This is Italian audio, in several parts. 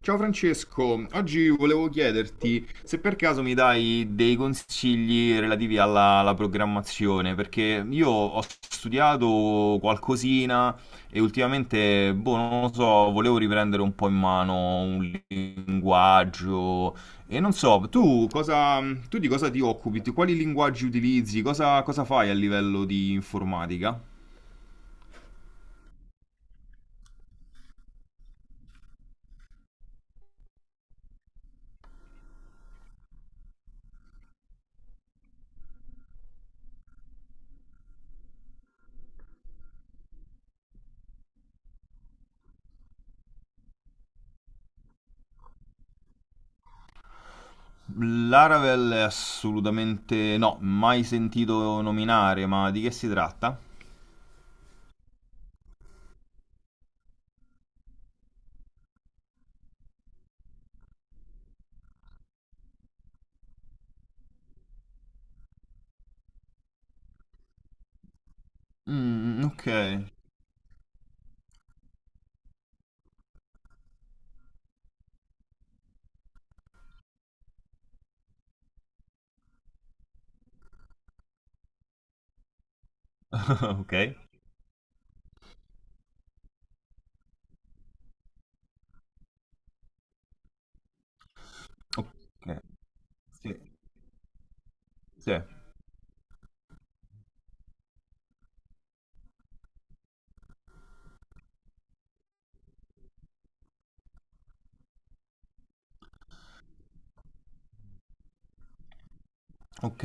Ciao Francesco, oggi volevo chiederti se per caso mi dai dei consigli relativi alla programmazione, perché io ho studiato qualcosina e ultimamente, boh, non lo so, volevo riprendere un po' in mano un linguaggio e non so, tu di cosa ti occupi? Quali linguaggi utilizzi? Cosa fai a livello di informatica? Laravel è assolutamente no, mai sentito nominare, ma di che si tratta? Mm, ok, ok, ok, sì, sì, ok.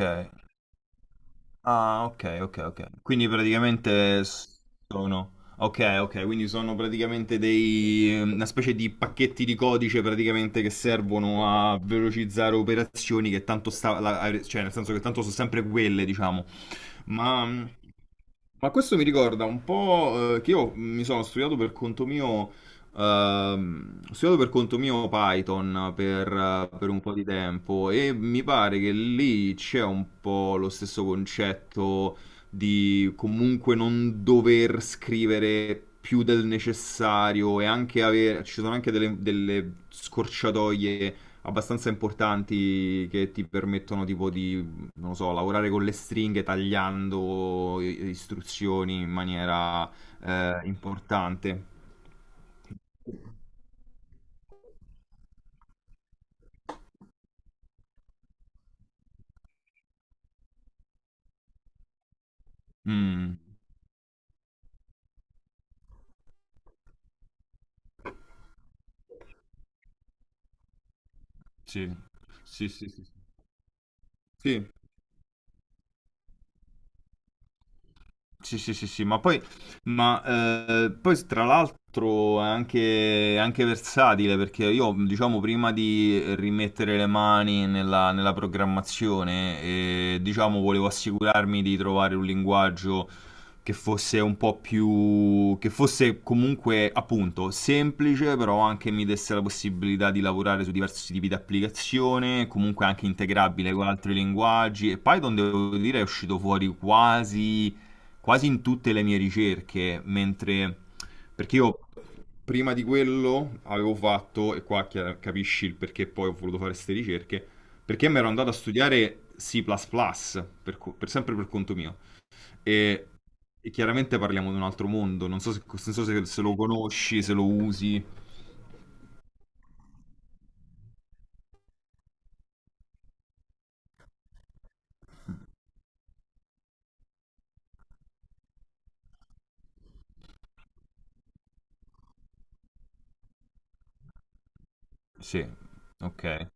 Ah, ok, ok, ok. Quindi sono... Ok, ok, quindi sono praticamente dei... una specie di pacchetti di codice praticamente che servono a velocizzare operazioni che tanto sta... cioè nel senso che tanto sono sempre quelle, diciamo. Ma... Ma questo mi ricorda un po' che io mi sono studiato per conto mio ho studiato per conto mio Python per un po' di tempo e mi pare che lì c'è un po' lo stesso concetto di comunque non dover scrivere più del necessario e anche avere, ci sono anche delle scorciatoie abbastanza importanti che ti permettono non lo so, lavorare con le stringhe tagliando istruzioni in maniera importante. Mm. Sì, sì, sì, sì. Sì, Sì, sì, sì, sì, ma poi, ma, poi tra l'altro è anche versatile perché io, diciamo, prima di rimettere le mani nella programmazione, diciamo, volevo assicurarmi di trovare un linguaggio che fosse un po' più, che fosse comunque, appunto, semplice, però anche mi desse la possibilità di lavorare su diversi tipi di applicazione, comunque anche integrabile con altri linguaggi. E Python, devo dire, è uscito fuori quasi in tutte le mie ricerche, mentre perché io prima di quello avevo fatto, e qua capisci il perché poi ho voluto fare queste ricerche, perché mi ero andato a studiare C++, per sempre per conto mio, e, e chiaramente parliamo di un altro mondo, non so se lo conosci, se lo usi. Sì, ok.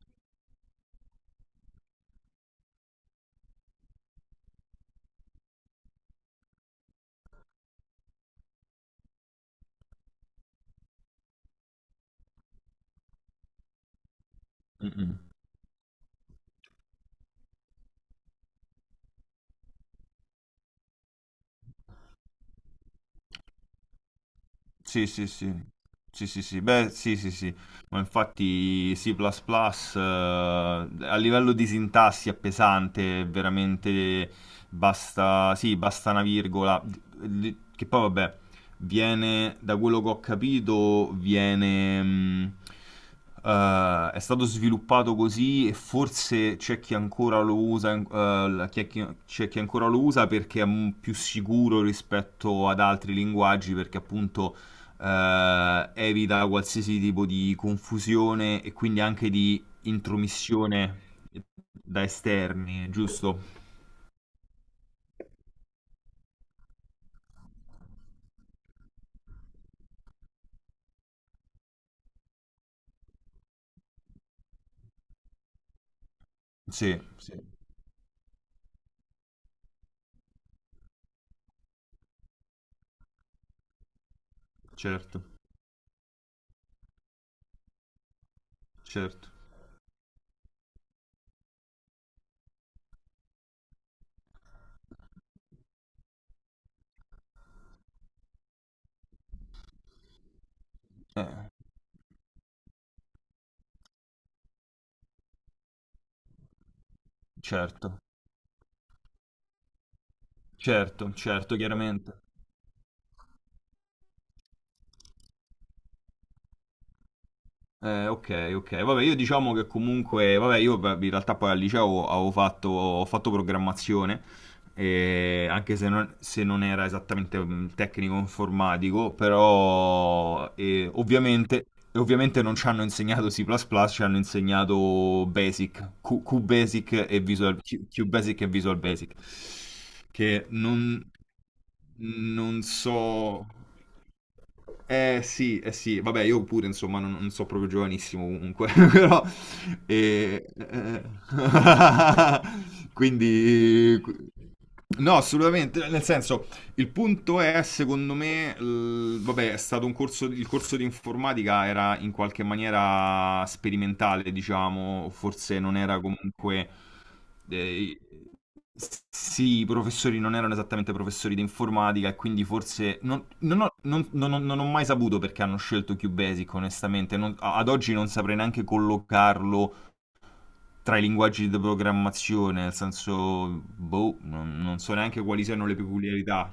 Mm, mm. Sì, sì, sì. Sì, sì, sì. Beh, sì, sì, sì. Ma infatti C++, a livello di sintassi è pesante, è veramente basta, sì, basta una virgola. Che poi vabbè, da quello che ho capito, viene, è stato sviluppato così e forse c'è chi ancora lo usa, c'è chi ancora lo usa perché è più sicuro rispetto ad altri linguaggi, perché appunto evita qualsiasi tipo di confusione e quindi anche di intromissione da esterni, giusto? Sì, sì, certo, certo. Eh, certo, certo, certo, chiaramente. Ok, ok. Vabbè, io diciamo che comunque, vabbè, io beh, in realtà poi al liceo ho fatto programmazione, anche se non era esattamente un tecnico informatico, però ovviamente, e ovviamente non ci hanno insegnato C++, ci hanno insegnato QBasic QBasic e Visual Basic, che non so... sì, eh sì, vabbè, io pure insomma non so proprio giovanissimo comunque, però... eh, eh, Quindi... No, assolutamente, nel senso, il punto è, secondo me, vabbè, è stato un corso, il corso di informatica era in qualche maniera sperimentale, diciamo, forse non era comunque... eh, sì, i professori non erano esattamente professori di informatica e quindi forse... non ho mai saputo perché hanno scelto QBasic, onestamente. Ad oggi non saprei neanche collocarlo tra i linguaggi di programmazione, nel senso... Boh, non so neanche quali siano le peculiarità.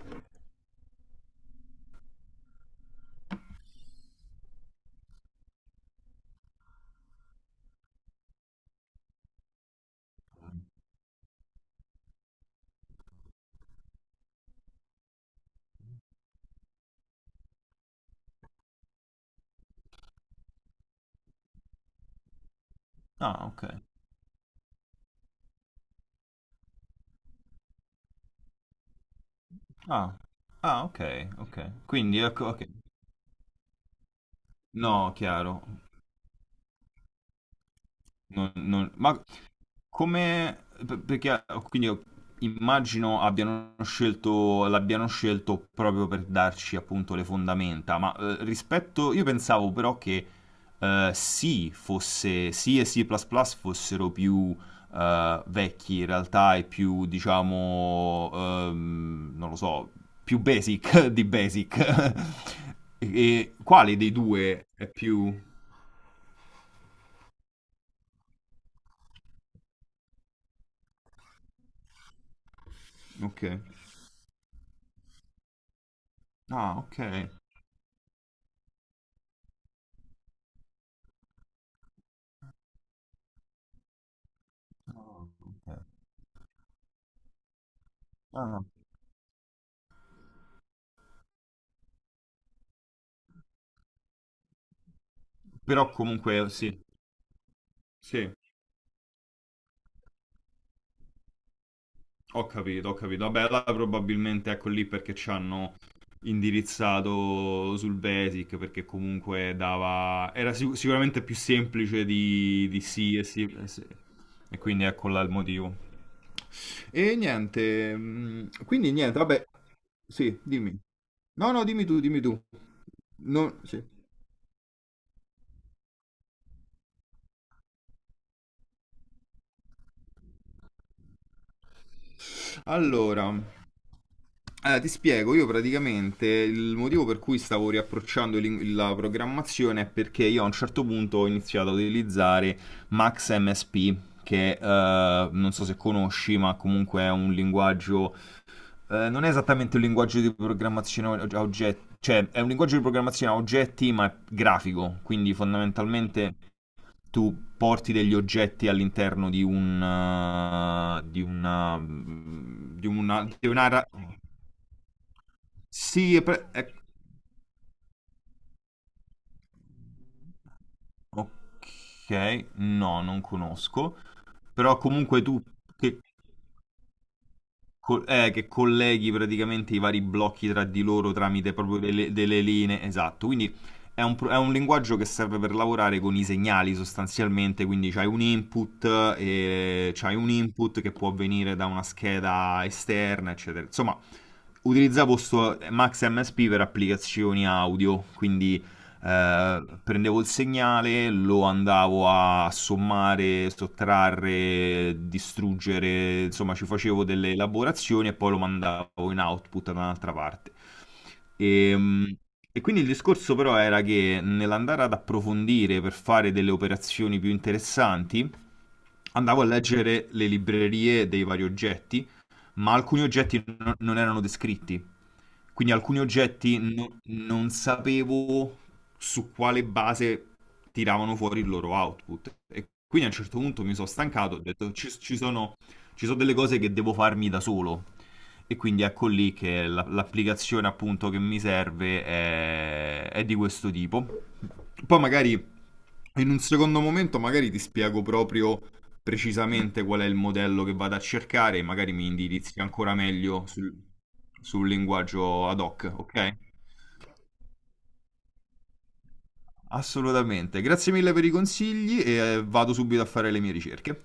Ah, ok. Ah, ah, ok, ok. Quindi, ecco, ok. No, chiaro. Ma come... Perché quindi immagino abbiano scelto, l'abbiano scelto proprio per darci appunto le fondamenta, ma rispetto... Io pensavo però che C e C++ fossero più vecchi in realtà e più, diciamo, non lo so, più basic di basic. E, e quale dei due è più... Ok. Ah, ok. Ah, ok. Ah, però comunque sì, sì, ho capito, ho capito. Vabbè, là probabilmente ecco lì perché ci hanno indirizzato sul Basic perché comunque dava... era sicuramente più semplice di sì e sì. E sì. E quindi ecco là il motivo. E niente, mm, quindi niente, vabbè, sì, dimmi. No, no, dimmi tu, dimmi tu. No, sì. Allora, allora, ti spiego, io praticamente il motivo per cui stavo riapprocciando la programmazione è perché io a un certo punto ho iniziato a utilizzare MaxMSP, che non so se conosci, ma comunque è un linguaggio, non è esattamente un linguaggio di programmazione a oggetti, cioè è un linguaggio di programmazione a oggetti, ma è grafico, quindi fondamentalmente tu porti degli oggetti all'interno di un di un'area sì è pre- è- ok no non conosco però comunque tu che che colleghi praticamente i vari blocchi tra di loro tramite proprio delle linee, esatto. Quindi è un, è un linguaggio che serve per lavorare con i segnali sostanzialmente, quindi c'hai un input, e c'hai un input che può venire da una scheda esterna, eccetera. Insomma, utilizzavo sto Max MSP per applicazioni audio, quindi prendevo il segnale, lo andavo a sommare, sottrarre, distruggere, insomma ci facevo delle elaborazioni e poi lo mandavo in output da un'altra parte. E, mm, e quindi il discorso però era che nell'andare ad approfondire per fare delle operazioni più interessanti, andavo a leggere le librerie dei vari oggetti, ma alcuni oggetti non erano descritti. Quindi alcuni oggetti non sapevo su quale base tiravano fuori il loro output. E quindi a un certo punto mi sono stancato, ho detto ci sono delle cose che devo farmi da solo. E quindi ecco lì che l'applicazione appunto che mi serve è di questo tipo. Poi magari in un secondo momento magari ti spiego proprio precisamente qual è il modello che vado a cercare, magari mi indirizzi ancora meglio sul, sul linguaggio ad hoc, ok? Assolutamente. Grazie mille per i consigli e vado subito a fare le mie ricerche.